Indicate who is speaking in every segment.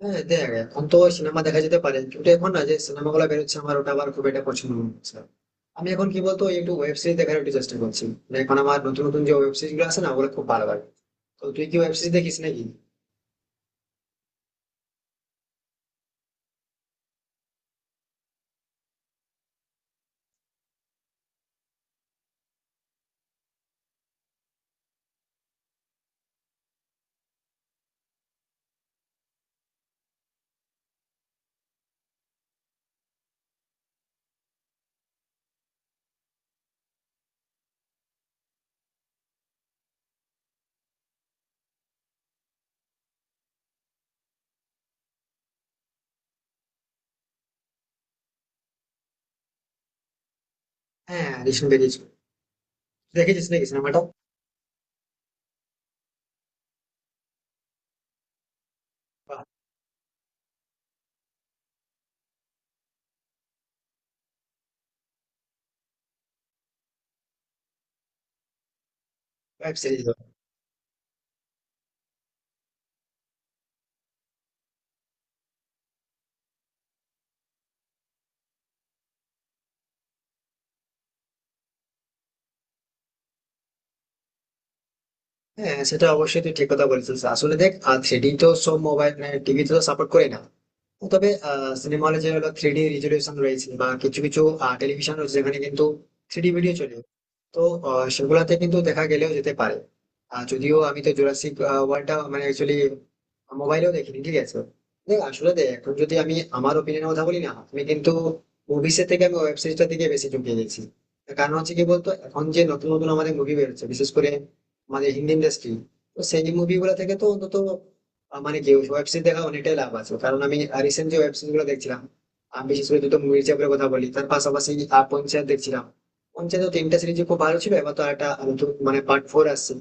Speaker 1: হ্যাঁ দেখ এখন তো সিনেমা দেখা যেতে পারে, কিন্তু এখন না যে সিনেমা গুলো বেরোচ্ছে আমার ওটা আবার খুব একটা পছন্দ হচ্ছে না। আমি এখন কি বলতো একটু ওয়েব সিরিজ দেখার একটু চেষ্টা করছি, মানে এখন আমার নতুন নতুন যে ওয়েব সিরিজ গুলো আছে না ওগুলো খুব ভালো লাগে। তো তুই কি ওয়েব সিরিজ দেখিস নাকি? হ্যাঁ রিসেন্ট বেরিয়েছে। দেখেছিস নাকি সিনেমাটা? Web series. হ্যাঁ সেটা অবশ্যই তুই ঠিক কথা বলেছিস। আসলে দেখ থ্রিডি তো সব মোবাইল টিভিতে তো সাপোর্ট করে না। তবে সিনেমা হলে যে হলো থ্রিডি রেজলিউশন রয়েছে, বা কিছু কিছু টেলিভিশন রয়েছে যেখানে কিন্তু থ্রিডি ভিডিও চলে। তো সেগুলাতে কিন্তু দেখা গেলেও যেতে পারে। আর যদিও আমি তো জুরাসিক ওয়ার্ল্ডটা মানে অ্যাকচুয়ালি মোবাইলেও দেখিনি, ঠিক আছে। দেখ আসলে দেখ এখন যদি আমি আমার ওপিনিয়নের কথা বলি না, আমি কিন্তু মুভিসের থেকে আমি ওয়েব সিরিজটার দিকে বেশি ঝুঁকিয়ে গেছি। তার কারণ হচ্ছে কি বলতো এখন যে নতুন নতুন আমাদের মুভি বেরোচ্ছে বিশেষ করে আমাদের হিন্দি ইন্ডাস্ট্রি, তো সেই মুভিগুলো থেকে তো অন্তত মানে কি ওয়েব সিরিজ দেখা অনেকটাই লাভ আছে। কারণ আমি রিসেন্ট যে ওয়েব সিরিজ গুলো দেখছিলাম আমি বিশেষ করে দুটো মুভির চাপের কথা বলি, তার পাশাপাশি পঞ্চায়েত দেখছিলাম। পঞ্চায়েত তিনটা সিরিজ খুব ভালো ছিল, এবার তো একটা নতুন মানে পার্ট 4 আসছে।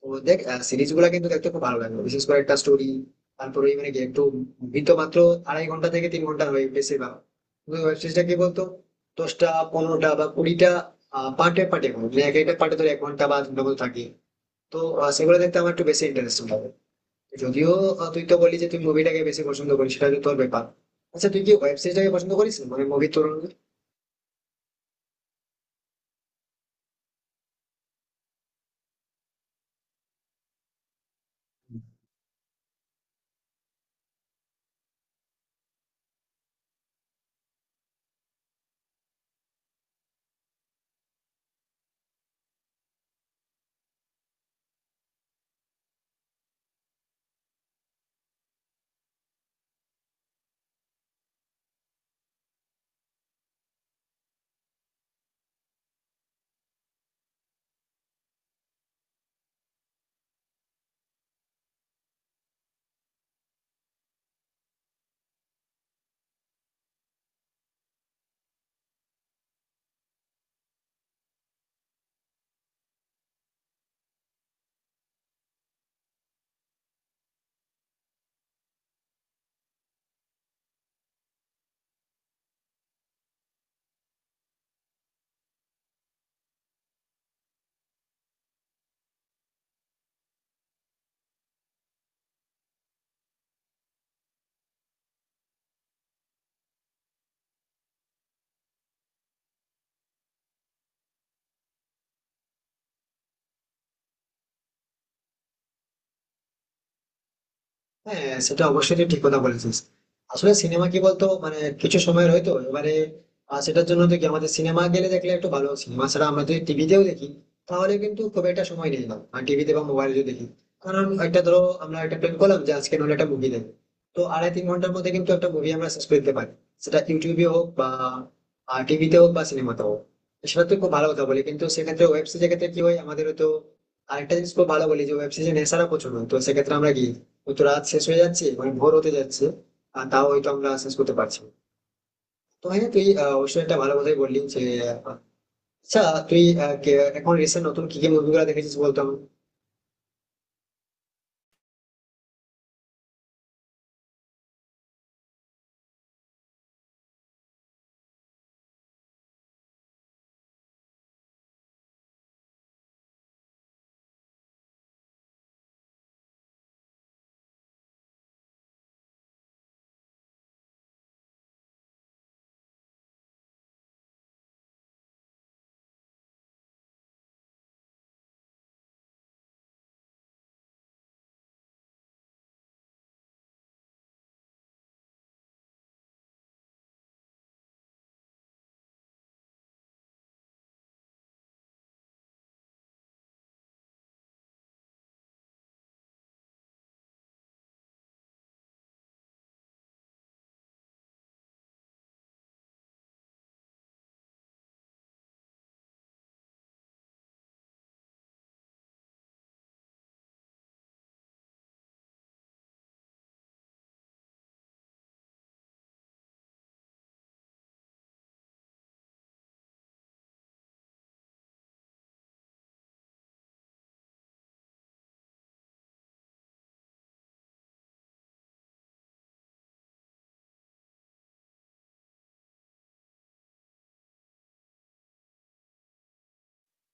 Speaker 1: তো দেখ সিরিজ গুলা কিন্তু দেখতে খুব ভালো লাগলো, বিশেষ করে একটা স্টোরি, তারপরে ওই মানে কি একটু মুভি তো মাত্র আড়াই ঘন্টা থেকে 3 ঘন্টা হয় বেশিরভাগ, কিন্তু ওয়েব সিরিজটা কি বলতো 10টা, 15টা বা 20টা পার্টে পার্টে এক একটা পার্টে ধর 1 ঘন্টা বা 2 ঘন্টা মতো থাকে। তো সেগুলো দেখতে আমার একটু বেশি ইন্টারেস্টিং লাগে। যদিও তুই তো বলি যে তুই মুভিটাকে বেশি পছন্দ করিস, সেটা তো তোর ব্যাপার। আচ্ছা তুই কি ওয়েব সিরিজটাকে পছন্দ করিস মানে মুভি তুলনায়? হ্যাঁ সেটা অবশ্যই তুই ঠিক কথা বলেছিস। আসলে সিনেমা কি বলতো মানে কিছু সময়ের হয়তো এবারে সেটার জন্য তো কি আমাদের সিনেমা গেলে দেখলে একটু ভালো সিনেমা ছাড়া আমরা যদি টিভিতেও দেখি তাহলে কিন্তু খুব একটা সময় নেই না টিভিতে বা মোবাইলে যদি দেখি। কারণ একটা ধরো আমরা একটা প্ল্যান করলাম যে আজকে নলে একটা মুভি দেখবো, তো আড়াই 3 ঘন্টার মধ্যে কিন্তু একটা মুভি আমরা শেষ করে দিতে পারি, সেটা ইউটিউবে হোক বা টিভিতে হোক বা সিনেমাতে হোক। সেটা তো খুব ভালো কথা বলি কিন্তু সেক্ষেত্রে ওয়েব সিরিজের ক্ষেত্রে কি হয় আমাদের তো আরেকটা জিনিস খুব ভালো বলি যে ওয়েব সিরিজে নেশারা প্রচুর হয়। তো সেক্ষেত্রে আমরা কি হয়তো রাত শেষ হয়ে যাচ্ছে মানে ভোর হতে যাচ্ছে আর তাও হয়তো আমরা শেষ করতে পারছি না। তো হ্যাঁ তুই অবশ্যই একটা ভালো কথাই বললি যে আহ, আচ্ছা তুই এখন রিসেন্ট নতুন কি কি মুভিগুলো দেখেছিস বলতো আমাকে?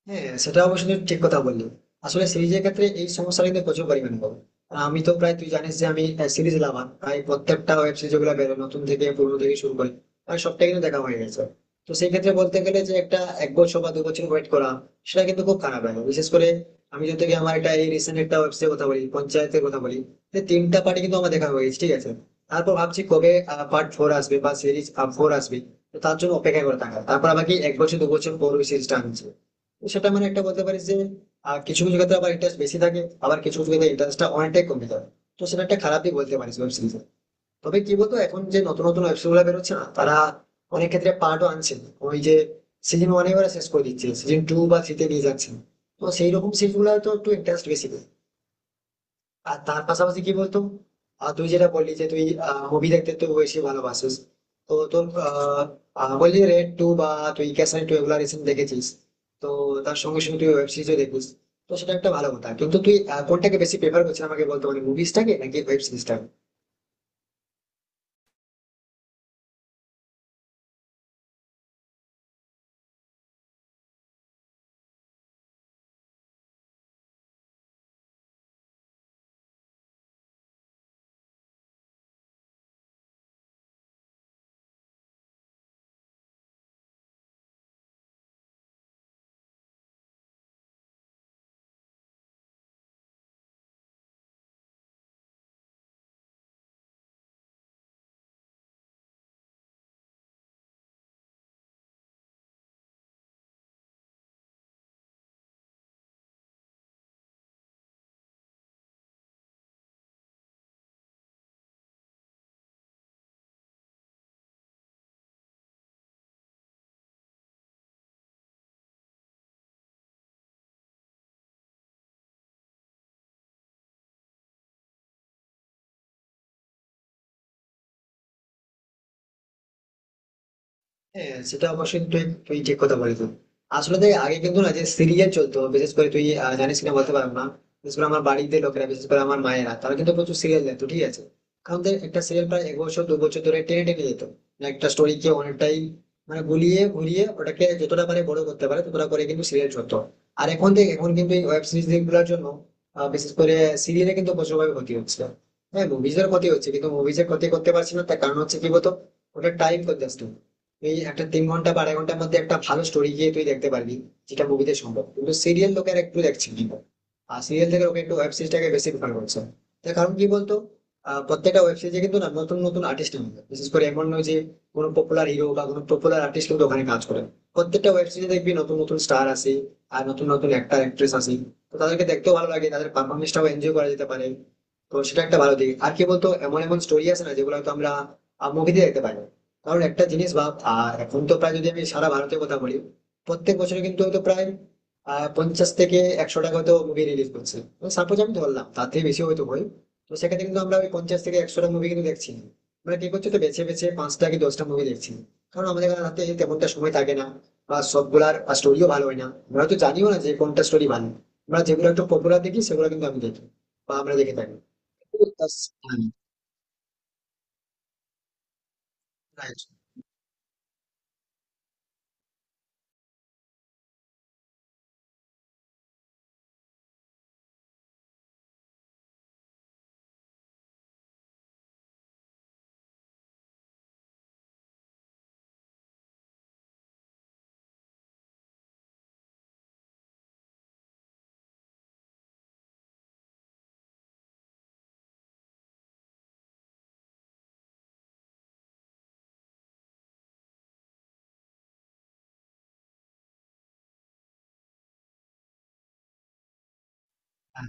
Speaker 1: হ্যাঁ সেটা অবশ্যই তুমি ঠিক কথা বললি। আসলে সিরিজের ক্ষেত্রে এই সমস্যাটা কিন্তু প্রচুর পরিমাণে হবে। আর আমি তো প্রায় তুই জানিস যে আমি সিরিজ লাভার, প্রায় প্রত্যেকটা ওয়েব সিরিজ গুলো বেরো নতুন থেকে পুরনো থেকে শুরু করে প্রায় সবটাই কিন্তু দেখা হয়ে গেছে। তো সেই ক্ষেত্রে বলতে গেলে যে একটা 1 বছর বা 2 বছর ওয়েট করা সেটা কিন্তু খুব খারাপ লাগে। বিশেষ করে আমি যদি তোকে আমার একটা এই রিসেন্ট একটা ওয়েবসাইট কথা বলি পঞ্চায়েতের কথা বলি, যে 3টা পার্টি কিন্তু আমার দেখা হয়ে গেছে ঠিক আছে। তারপর ভাবছি কবে পার্ট 4 আসবে বা সিরিজ 4 আসবে, তো তার জন্য অপেক্ষা করে থাকা, তারপর আবার কি 1 বছর 2 বছর পর ওই সিরিজটা আনছে, সেটা মানে একটা বলতে পারিস যে কিছু কিছু ক্ষেত্রে আবার ইন্টারেস্ট বেশি থাকে আবার কিছু কিছু ক্ষেত্রে ইন্টারেস্টটা অনেকটাই কমে থাকে। তো সেটা একটা খারাপই বলতে পারিস ওয়েব সিরিজে। তবে কি বলতো এখন যে নতুন নতুন ওয়েব সিরিজ গুলো বেরোচ্ছে না তারা অনেক ক্ষেত্রে পার্টও আনছে না। ওই যে সিজন ওয়ানে ওরা শেষ করে দিচ্ছে, সিজন টু বা থ্রিতে নিয়ে যাচ্ছে না। তো সেই রকম সিরিজ গুলো হয়তো একটু ইন্টারেস্ট বেশি থাকে। আর তার পাশাপাশি কি বলতো তুই যেটা বললি যে তুই মুভি দেখতে তুই বেশি ভালোবাসিস। তো তোর আহ, আহ, বললি রেড টু বা তুই ক্যাসান টু এগুলা রিসেন্ট দেখেছিস। তো তার সঙ্গে সঙ্গে তুই ওয়েব সিরিজও দেখিস, তো সেটা একটা ভালো কথা। কিন্তু তুই কোনটাকে বেশি প্রেফার করছিস আমাকে বলতে পারি, মুভিসটাকে নাকি ওয়েব সিরিজটাকে? হ্যাঁ সেটা অবশ্যই তুই তুই ঠিক কথা বলেছিস। আসলে দেখ আগে কিন্তু না যে সিরিয়াল চলতো, বিশেষ করে তুই জানিস কিনা বলতে পারবো না, বিশেষ করে আমার বাড়িতে লোকেরা, বিশেষ করে আমার মায়েরা তারা কিন্তু প্রচুর সিরিয়াল দেখতো ঠিক আছে। কারণ দেখ একটা সিরিয়াল প্রায় 1 বছর 2 বছর ধরে টেনে টেনে যেত, মানে একটা স্টোরিকে অনেকটাই মানে গুলিয়ে ঘুরিয়ে ওটাকে যতটা পারে বড় করতে পারে ততটা করে কিন্তু সিরিয়াল চলতো। আর এখন দেখ এখন কিন্তু এই ওয়েব সিরিজ গুলোর জন্য বিশেষ করে সিরিয়ালে কিন্তু প্রচুরভাবে ক্ষতি হচ্ছে। হ্যাঁ মুভিজের ক্ষতি হচ্ছে কিন্তু মুভিজের ক্ষতি করতে পারছি না, তার কারণ হচ্ছে কি বলতো ওটা টাইম কনজাস্টিং। এই একটা 3 ঘন্টা বা আড়াই ঘন্টার মধ্যে একটা ভালো স্টোরি গিয়ে তুই দেখতে পারবি, যেটা মুভিতে সম্ভব কিন্তু সিরিয়াল লোকের একটু দেখছে না। আর সিরিয়াল থেকে লোকে একটু ওয়েব সিরিজটাকে বেশি প্রেফার করছে। তার কারণ কি বলতো প্রত্যেকটা ওয়েব সিরিজে কিন্তু না নতুন নতুন আর্টিস্ট নামে, বিশেষ করে এমন নয় যে কোনো পপুলার হিরো বা কোনো পপুলার আর্টিস্ট কিন্তু ওখানে কাজ করে। প্রত্যেকটা ওয়েব সিরিজে দেখবি নতুন নতুন স্টার আসে, আর নতুন নতুন অ্যাক্টর অ্যাক্ট্রেস আসে। তো তাদেরকে দেখতেও ভালো লাগে, তাদের পারফরমেন্সটাও এনজয় করা যেতে পারে। তো সেটা একটা ভালো দিক। আর কি বলতো এমন এমন স্টোরি আছে না যেগুলো হয়তো আমরা মুভিতে দেখতে পারি না। কারণ একটা জিনিস ভাব এখন তো প্রায় যদি আমি সারা ভারতের কথা বলি প্রত্যেক বছরে কিন্তু হয়তো প্রায় 50 থেকে 100 টাকা হয়তো মুভি রিলিজ করছে, তো সাপোজ আমি ধরলাম তার থেকে বেশি হয়তো হয়। তো সেক্ষেত্রে কিন্তু আমরা ওই 50 থেকে 100টা মুভি কিন্তু দেখছি না। আমরা কি করছি তো বেছে বেছে 5টা কি 10টা মুভি দেখছি, কারণ আমাদের হাতে তেমনটা সময় থাকে না, বা সবগুলার স্টোরিও ভালো হয় না। আমরা তো জানিও না যে কোনটা স্টোরি ভালো, আমরা যেগুলো একটু পপুলার দেখি সেগুলো কিন্তু আমি দেখি বা আমরা দেখে থাকি। তো হ্যাঁ, right, হ্যাঁ।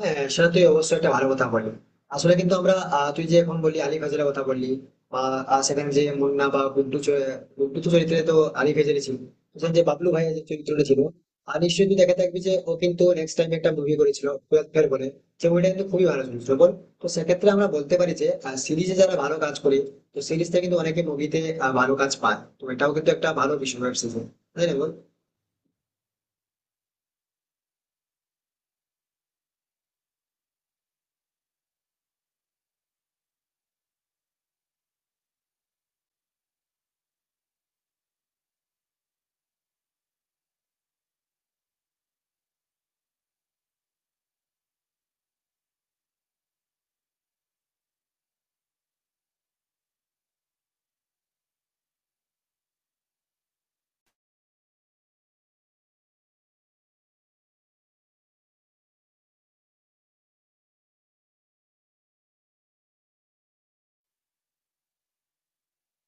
Speaker 1: হ্যাঁ সেটা তুই অবশ্যই একটা ভালো কথা বললি। আসলে কিন্তু আমরা তুই যে এখন বললি আলী ফজলের কথা বললি, বা সেখানে যে মুন্না বা গুড্ডু গুড্ডু তো চরিত্রে তো আলী ফজলে ছিল, সেখানে যে বাবলু ভাইয়ের যে চরিত্রটা ছিল আর নিশ্চয়ই তুই দেখে থাকবি যে ও কিন্তু নেক্সট টাইম একটা মুভি করেছিল 12 ফেল বলে, যে মুভিটা কিন্তু খুবই ভালো চলছিল বল। তো সেক্ষেত্রে আমরা বলতে পারি যে সিরিজে যারা ভালো কাজ করে তো সিরিজটা কিন্তু অনেকে মুভিতে ভালো কাজ পায়, তো এটাও কিন্তু একটা ভালো বিষয় ওয়েব সিরিজ, তাই না বল।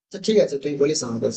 Speaker 1: আচ্ছা ঠিক আছে তুই বলিস আমাকে।